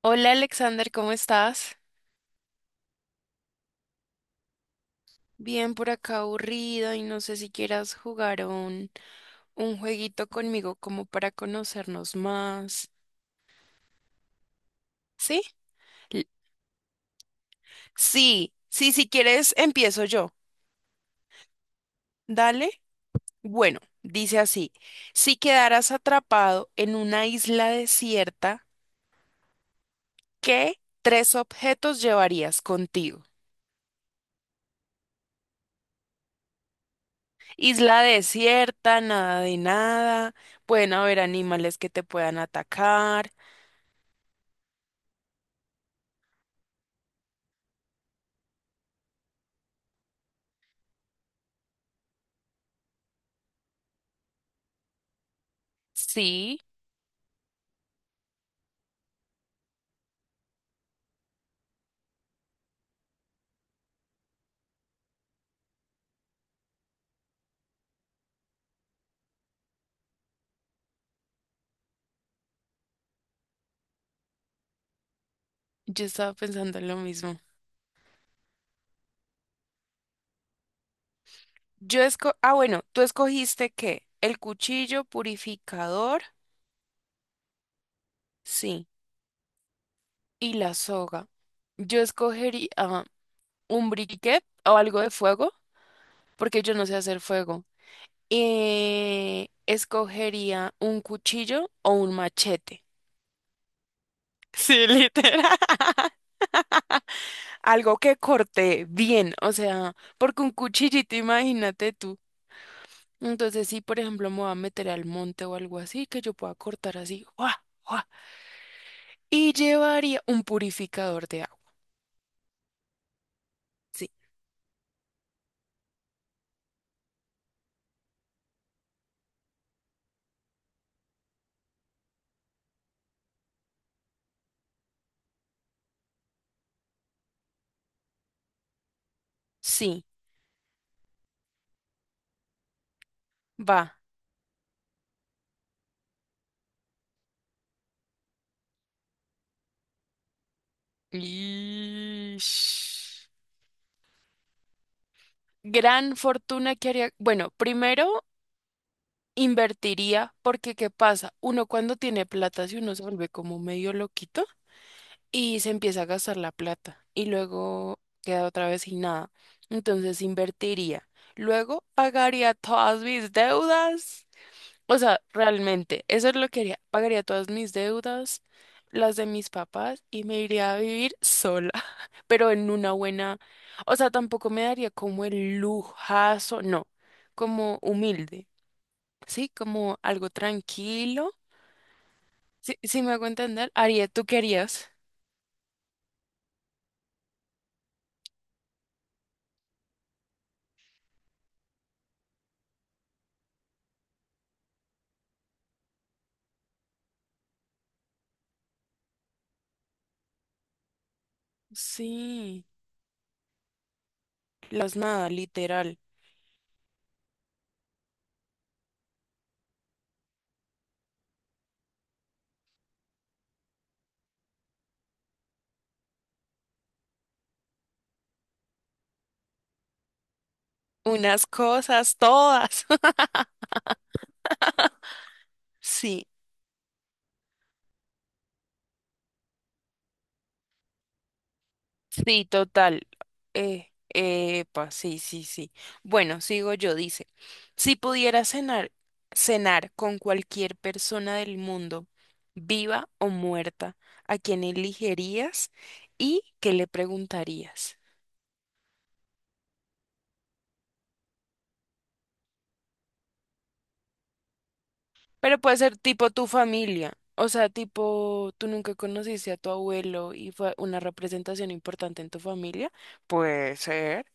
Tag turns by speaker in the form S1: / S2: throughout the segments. S1: Hola Alexander, ¿cómo estás? Bien por acá aburrida y no sé si quieras jugar a un jueguito conmigo como para conocernos más. ¿Sí? L- Sí, sí, si quieres empiezo yo. Dale. Bueno, dice así, si quedaras atrapado en una isla desierta, ¿qué tres objetos llevarías contigo? Isla desierta, nada de nada, pueden haber animales que te puedan atacar. Sí. Yo estaba pensando en lo mismo. Ah, bueno, ¿tú escogiste qué? El cuchillo purificador, sí, y la soga. Yo escogería un briquet o algo de fuego, porque yo no sé hacer fuego. Escogería un cuchillo o un machete. Sí, literal. Algo que corte bien, o sea, porque un cuchillito, imagínate. Entonces, si por ejemplo me voy a meter al monte o algo así, que yo pueda cortar así, ¡guau! ¡Guau! Y llevaría un purificador de agua. Sí. Sí, va. Ish. Gran fortuna que haría. Bueno, primero invertiría, porque ¿qué pasa? Uno cuando tiene plata, si uno se vuelve como medio loquito y se empieza a gastar la plata y luego queda otra vez sin nada. Entonces invertiría. Luego pagaría todas mis deudas. O sea, realmente, eso es lo que haría. Pagaría todas mis deudas, las de mis papás y me iría a vivir sola, pero en una buena... O sea, tampoco me daría como el lujazo, no, como humilde, ¿sí? Como algo tranquilo. Sí, sí me hago entender, haría, ¿tú querías? Sí. Las nada, literal. Unas cosas, todas. Sí, sí, total. Epa, sí, sí, sí. Bueno, sigo yo, dice. Si pudiera cenar, cenar con cualquier persona del mundo, viva o muerta, ¿a quién elegirías y qué le preguntarías? Pero puede ser tipo tu familia. O sea, tipo, tú nunca conociste a tu abuelo y fue una representación importante en tu familia. Puede ser.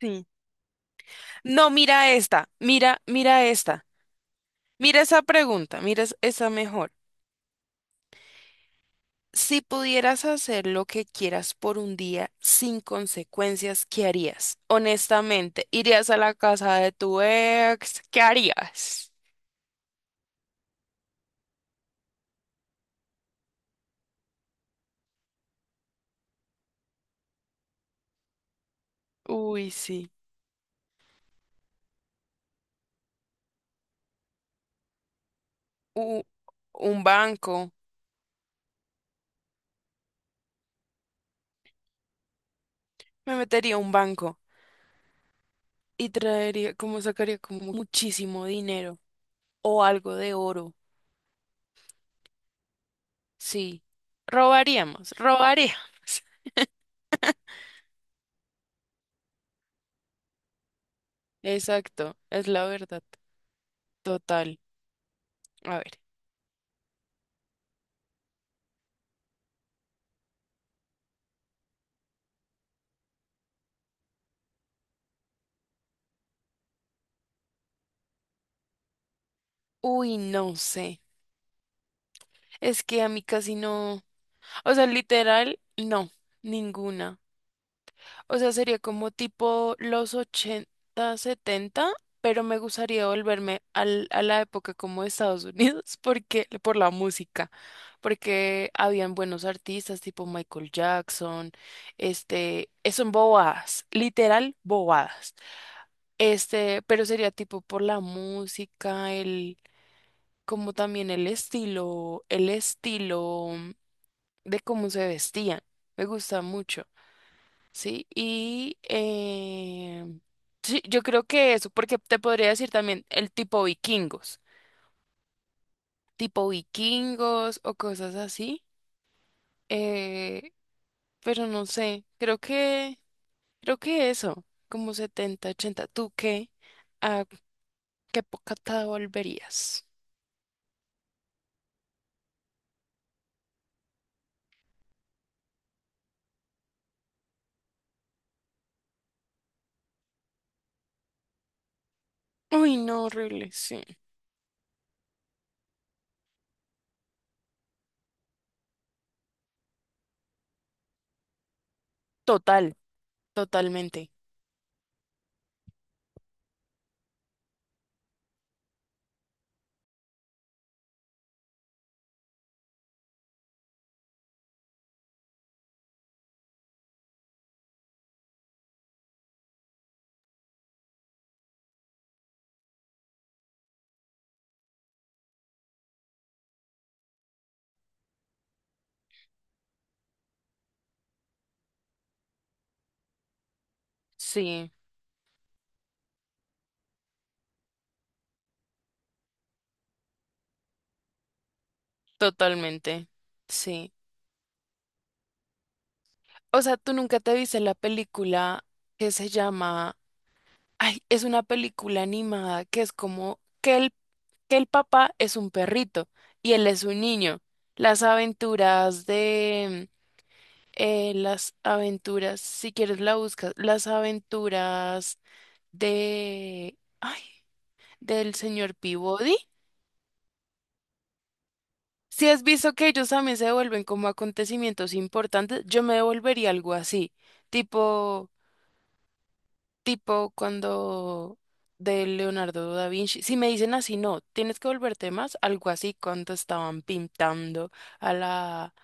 S1: Sí. No, mira esta. Mira esa pregunta, mira esa mejor. Si pudieras hacer lo que quieras por un día sin consecuencias, ¿qué harías? Honestamente, ¿irías a la casa de tu ex? ¿Qué harías? Uy, sí. U- un banco. Me metería a un banco y traería, como sacaría como muchísimo dinero o algo de oro. Sí. Robaríamos, robaríamos. Exacto, es la verdad. Total. A ver. Uy, no sé. Es que a mí casi no. O sea, literal, no. Ninguna. O sea, sería como tipo los 80, 70, pero me gustaría volverme a la época como de Estados Unidos porque, por la música. Porque habían buenos artistas tipo Michael Jackson. Este, son bobadas. Literal, bobadas. Este, pero sería tipo por la música, el como también el estilo de cómo se vestían. Me gusta mucho, ¿sí? Y sí, yo creo que eso, porque te podría decir también el tipo vikingos o cosas así, eh, pero no sé, creo que eso, como 70 80 ¿tú qué? ¿A qué época te volverías? Uy, no, horrible, sí. Total, totalmente. Sí. Totalmente, sí. O sea, tú nunca te viste la película que se llama, ay, es una película animada que es como que el papá es un perrito y él es un niño. Las aventuras de, las aventuras, si quieres la buscas, las aventuras de, ay, del señor Peabody. Si has visto que ellos también se vuelven como acontecimientos importantes, yo me devolvería algo así, tipo... Tipo cuando de Leonardo da Vinci, si me dicen así, no, tienes que volverte más, algo así cuando estaban pintando a la,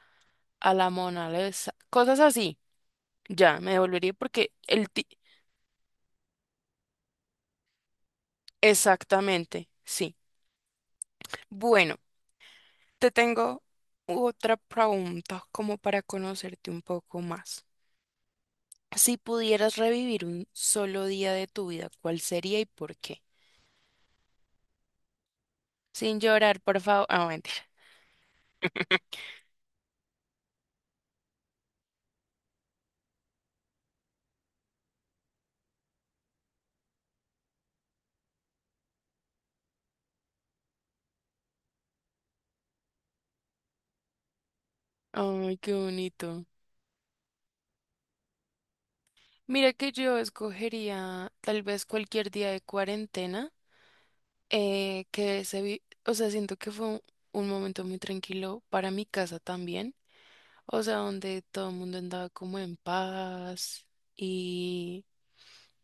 S1: a la Mona Lisa, cosas así, ya, me devolvería porque exactamente, sí. Bueno, te tengo otra pregunta como para conocerte un poco más. Si pudieras revivir un solo día de tu vida, ¿cuál sería y por qué? Sin llorar, por favor. Ah, mentira. Ay, qué bonito. Mira que yo escogería tal vez cualquier día de cuarentena, o sea, siento que fue un momento muy tranquilo para mi casa también, o sea, donde todo el mundo andaba como en paz y,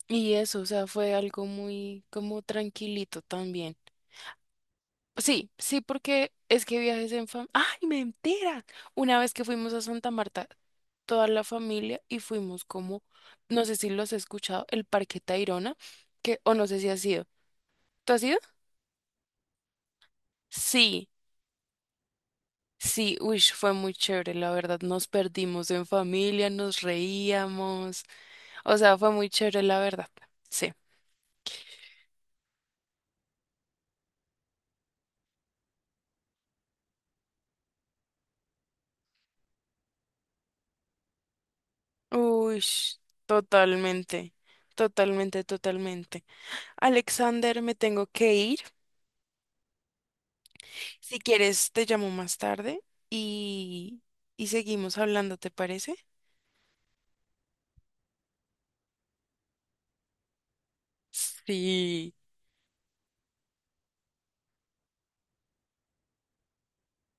S1: y eso, o sea, fue algo muy como tranquilito también. Sí, sí, porque es que viajes en familia. ¡Ay, mentira! Una vez que fuimos a Santa Marta, toda la familia y fuimos como, no sé si los he escuchado, el Parque Tayrona, que, o no sé si has ido. ¿Tú has ido? Sí, sí, uy, fue muy chévere, la verdad. Nos perdimos en familia, nos reíamos. O sea, fue muy chévere, la verdad. Sí. Uy, totalmente, totalmente, totalmente. Alexander, me tengo que ir. Si quieres, te llamo más tarde y, y seguimos hablando, ¿te parece? Sí.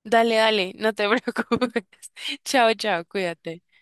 S1: Dale, dale, no te preocupes. Chao, chao, cuídate.